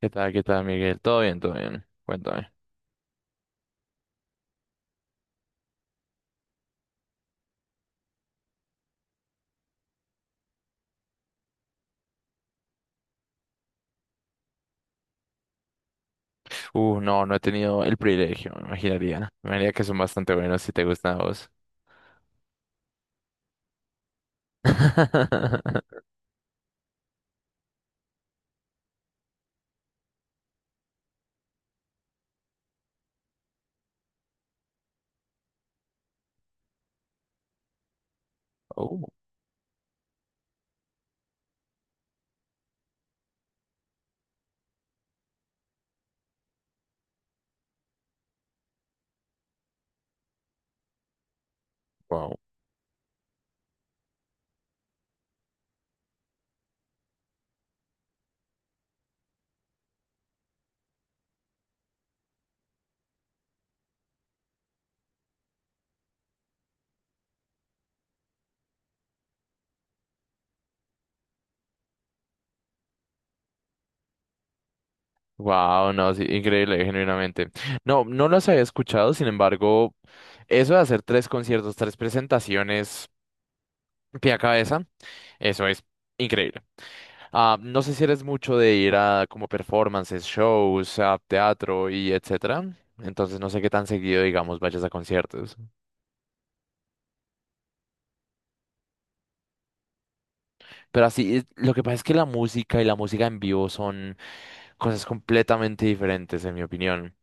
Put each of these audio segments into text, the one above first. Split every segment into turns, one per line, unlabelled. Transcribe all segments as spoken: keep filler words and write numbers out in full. ¿Qué tal, qué tal, Miguel? Todo bien, todo bien. Cuéntame. Uh, no, no he tenido el privilegio, me imaginaría. Me imaginaría que son bastante buenos si te gustan a vos. Oh, wow. Wow, no, sí, increíble, genuinamente. No, no los había escuchado, sin embargo, eso de hacer tres conciertos, tres presentaciones pie a cabeza, eso es increíble. Ah, no sé si eres mucho de ir a como performances, shows, a teatro y etcétera. Entonces no sé qué tan seguido, digamos, vayas a conciertos. Pero así, es- lo que pasa es que la música y la música en vivo son cosas completamente diferentes, en mi opinión.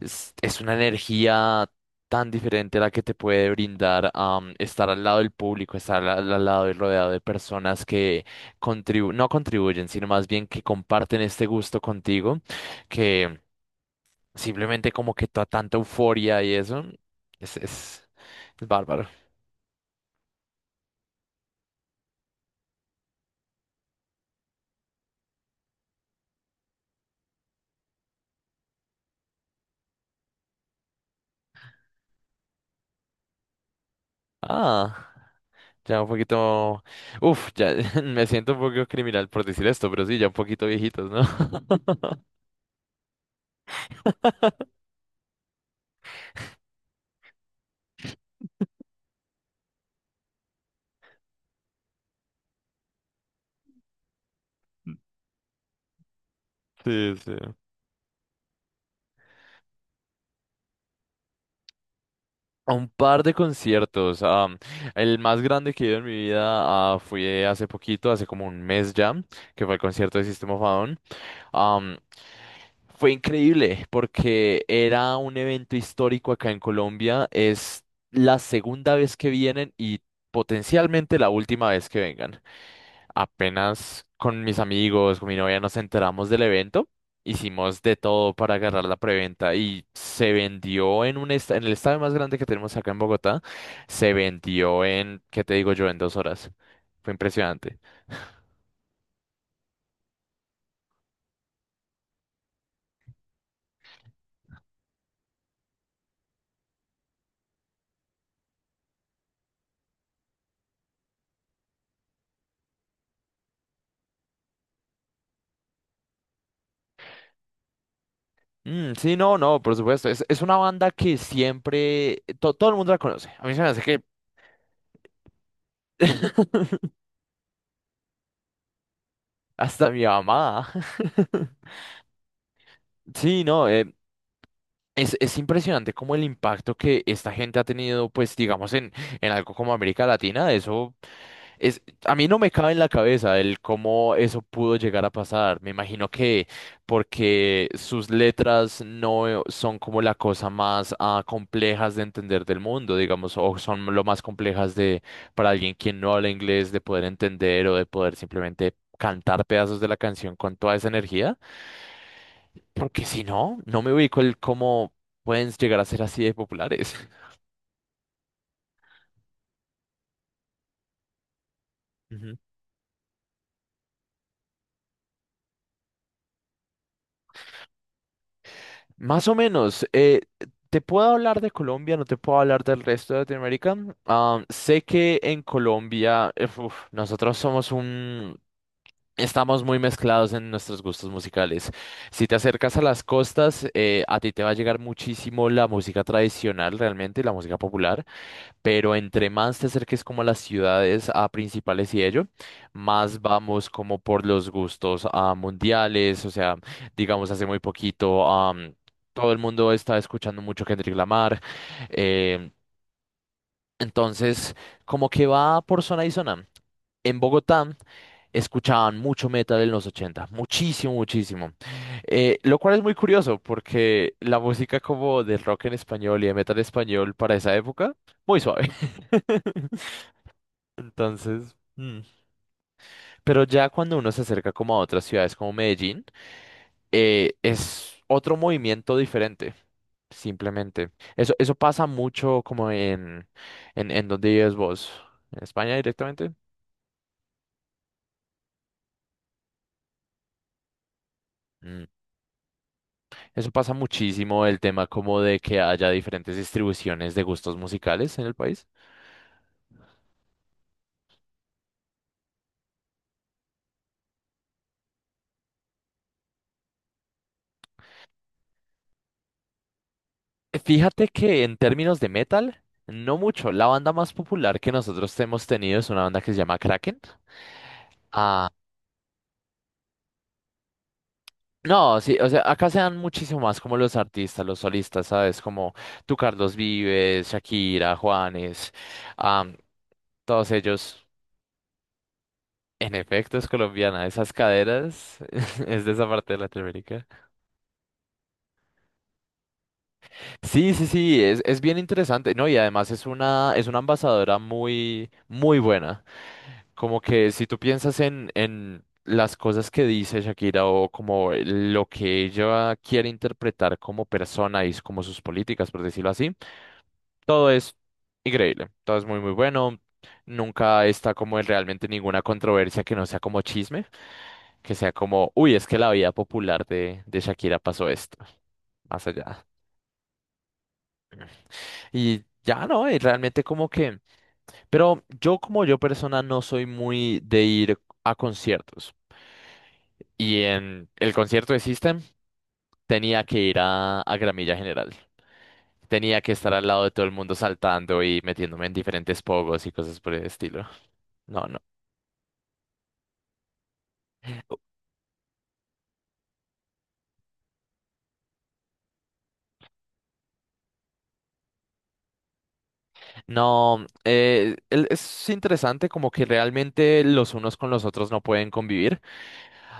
Es, es una energía tan diferente la que te puede brindar am, estar al lado del público, estar al, al lado y rodeado de personas que contribu no contribuyen, sino más bien que comparten este gusto contigo, que simplemente como que toda tanta euforia y eso, es, es, es bárbaro. Ah. Ya un poquito, uf, ya me siento un poco criminal por decir esto, pero sí, ya un poquito viejitos, ¿no? Sí, sí. A un par de conciertos. Am, el más grande que he ido en mi vida ah, fue hace poquito, hace como un mes ya, que fue el concierto de System of a Down. Am, Fue increíble porque era un evento histórico acá en Colombia. Es la segunda vez que vienen y potencialmente la última vez que vengan. Apenas con mis amigos, con mi novia nos enteramos del evento, hicimos de todo para agarrar la preventa y se vendió en un esta- en el estadio más grande que tenemos acá en Bogotá, se vendió en, ¿qué te digo yo? En dos horas. Fue impresionante. Mm, sí, no, no, por supuesto. Es, es una banda que siempre to- todo el mundo la conoce. A mí se me hace que hasta mi mamá. Sí, no, eh, Es, es impresionante como el impacto que esta gente ha tenido, pues digamos, en, en algo como América Latina. Eso es, a mí no me cabe en la cabeza el cómo eso pudo llegar a pasar. Me imagino que porque sus letras no son como la cosa más ah, complejas de entender del mundo, digamos, o son lo más complejas de para alguien quien no habla inglés de poder entender o de poder simplemente cantar pedazos de la canción con toda esa energía. Porque si no, no me ubico el cómo pueden llegar a ser así de populares. Ujú. Más o menos, eh, te puedo hablar de Colombia, no te puedo hablar del resto de Latinoamérica. Ah, sé que en Colombia, eh, uf, nosotros somos un... Estamos muy mezclados en nuestros gustos musicales. Si te acercas a las costas, eh, a ti te va a llegar muchísimo la música tradicional, realmente, la música popular. Pero entre más te acerques como a las ciudades a principales y ello, más vamos como por los gustos a mundiales, o sea, digamos hace muy poquito, am, todo el mundo está escuchando mucho Kendrick Lamar, eh, entonces, como que va por zona y zona. En Bogotá escuchaban mucho metal en los ochenta, muchísimo, muchísimo. Eh, lo cual es muy curioso porque la música como de rock en español y de metal español para esa época, muy suave. Entonces, mm, pero ya cuando uno se acerca como a otras ciudades como Medellín, eh, es otro movimiento diferente. Simplemente. Eso, eso pasa mucho como en, en, en donde vives vos, en España directamente. Mm. Eso pasa muchísimo el tema como de que haya diferentes distribuciones de gustos musicales en el país. Fíjate que en términos de metal, no mucho. La banda más popular que nosotros hemos tenido es una banda que se llama Kraken. No, sí, o sea, acá se dan muchísimo más como los artistas, los solistas, ¿sabes? Como tú, Carlos Vives, Shakira, Juanes, am, todos ellos. En efecto, es colombiana, esas caderas es de esa parte de Latinoamérica. Sí, sí, sí, es, es bien interesante, ¿no? Y además es una, es una embajadora muy, muy buena. Como que si tú piensas en, en las cosas que dice Shakira o como lo que ella quiere interpretar como persona y como sus políticas, por decirlo así, todo es increíble, todo es muy muy bueno. Nunca está como en realmente ninguna controversia que no sea como chisme, que sea como, uy, es que la vida popular de, de Shakira pasó esto, más allá. Y ya no, y realmente como que, pero yo como yo persona no soy muy de ir a conciertos. Y en el concierto de System tenía que ir a, a Gramilla General. Tenía que estar al lado de todo el mundo saltando y metiéndome en diferentes pogos y cosas por el estilo. No, no. No, eh, el- es interesante como que realmente los unos con los otros no pueden convivir.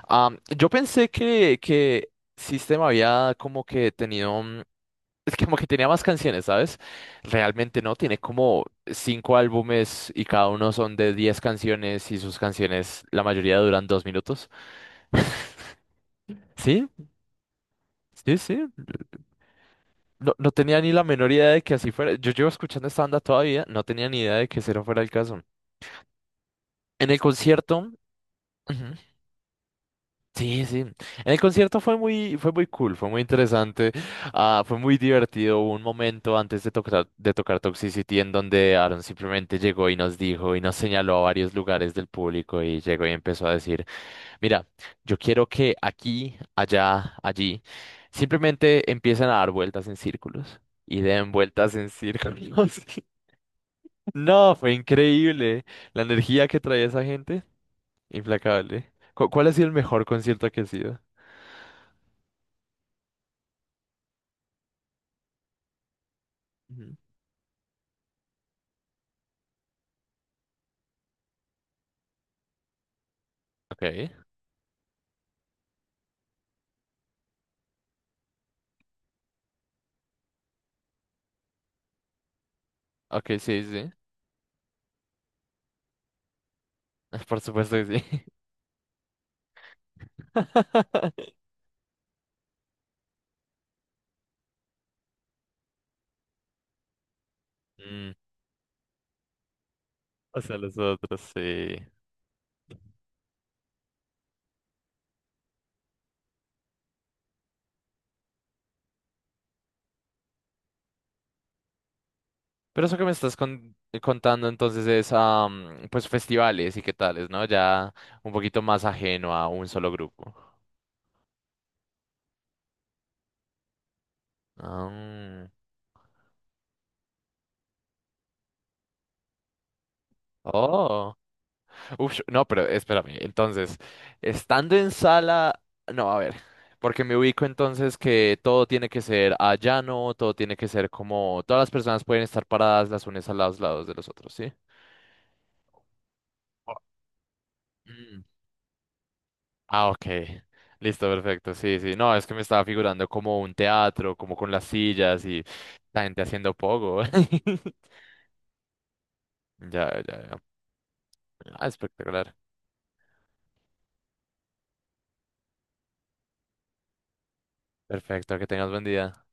Am, yo pensé que, que System había como que tenido, mm, es que como que tenía más canciones, ¿sabes? Realmente no, tiene como cinco álbumes y cada uno son de diez canciones y sus canciones, la mayoría duran dos minutos. Sí, sí, sí. No, no tenía ni la menor idea de que así fuera. Yo llevo escuchando esta banda todavía, no tenía ni idea de que ese no fuera el caso. En el concierto... Ujú. Sí, sí. El concierto fue muy, fue muy cool, fue muy interesante, ah, fue muy divertido. Hubo un momento antes de tocar, de tocar Toxicity en donde Aaron simplemente llegó y nos dijo y nos señaló a varios lugares del público y llegó y empezó a decir, mira, yo quiero que aquí, allá, allí, simplemente empiecen a dar vueltas en círculos y den vueltas en círculos. No, fue increíble. La energía que traía esa gente, implacable. ¿Cu- ¿Cuál ha sido el mejor concierto que ha sido? Ok, ok, sí, sí. Por supuesto que sí. Mm, o sea, los otros, sí. Pero eso que me estás con- eh, contando entonces es, am, pues, festivales y qué tales, ¿no? Ya un poquito más ajeno a un solo grupo. Ah, mm. Oh. Uf, no, pero espérame. Entonces, estando en sala, no, a ver, porque me ubico entonces que todo tiene que ser a llano, todo tiene que ser como, todas las personas pueden estar paradas las unas a los lados de los otros, ¿sí? Oh. Mm. Ah, ok. Listo, perfecto. Sí, sí. No, es que me estaba figurando como un teatro, como con las sillas y la gente haciendo pogo. Ya, ya, ya. Ah, espectacular. Perfecto, que tengas buen día.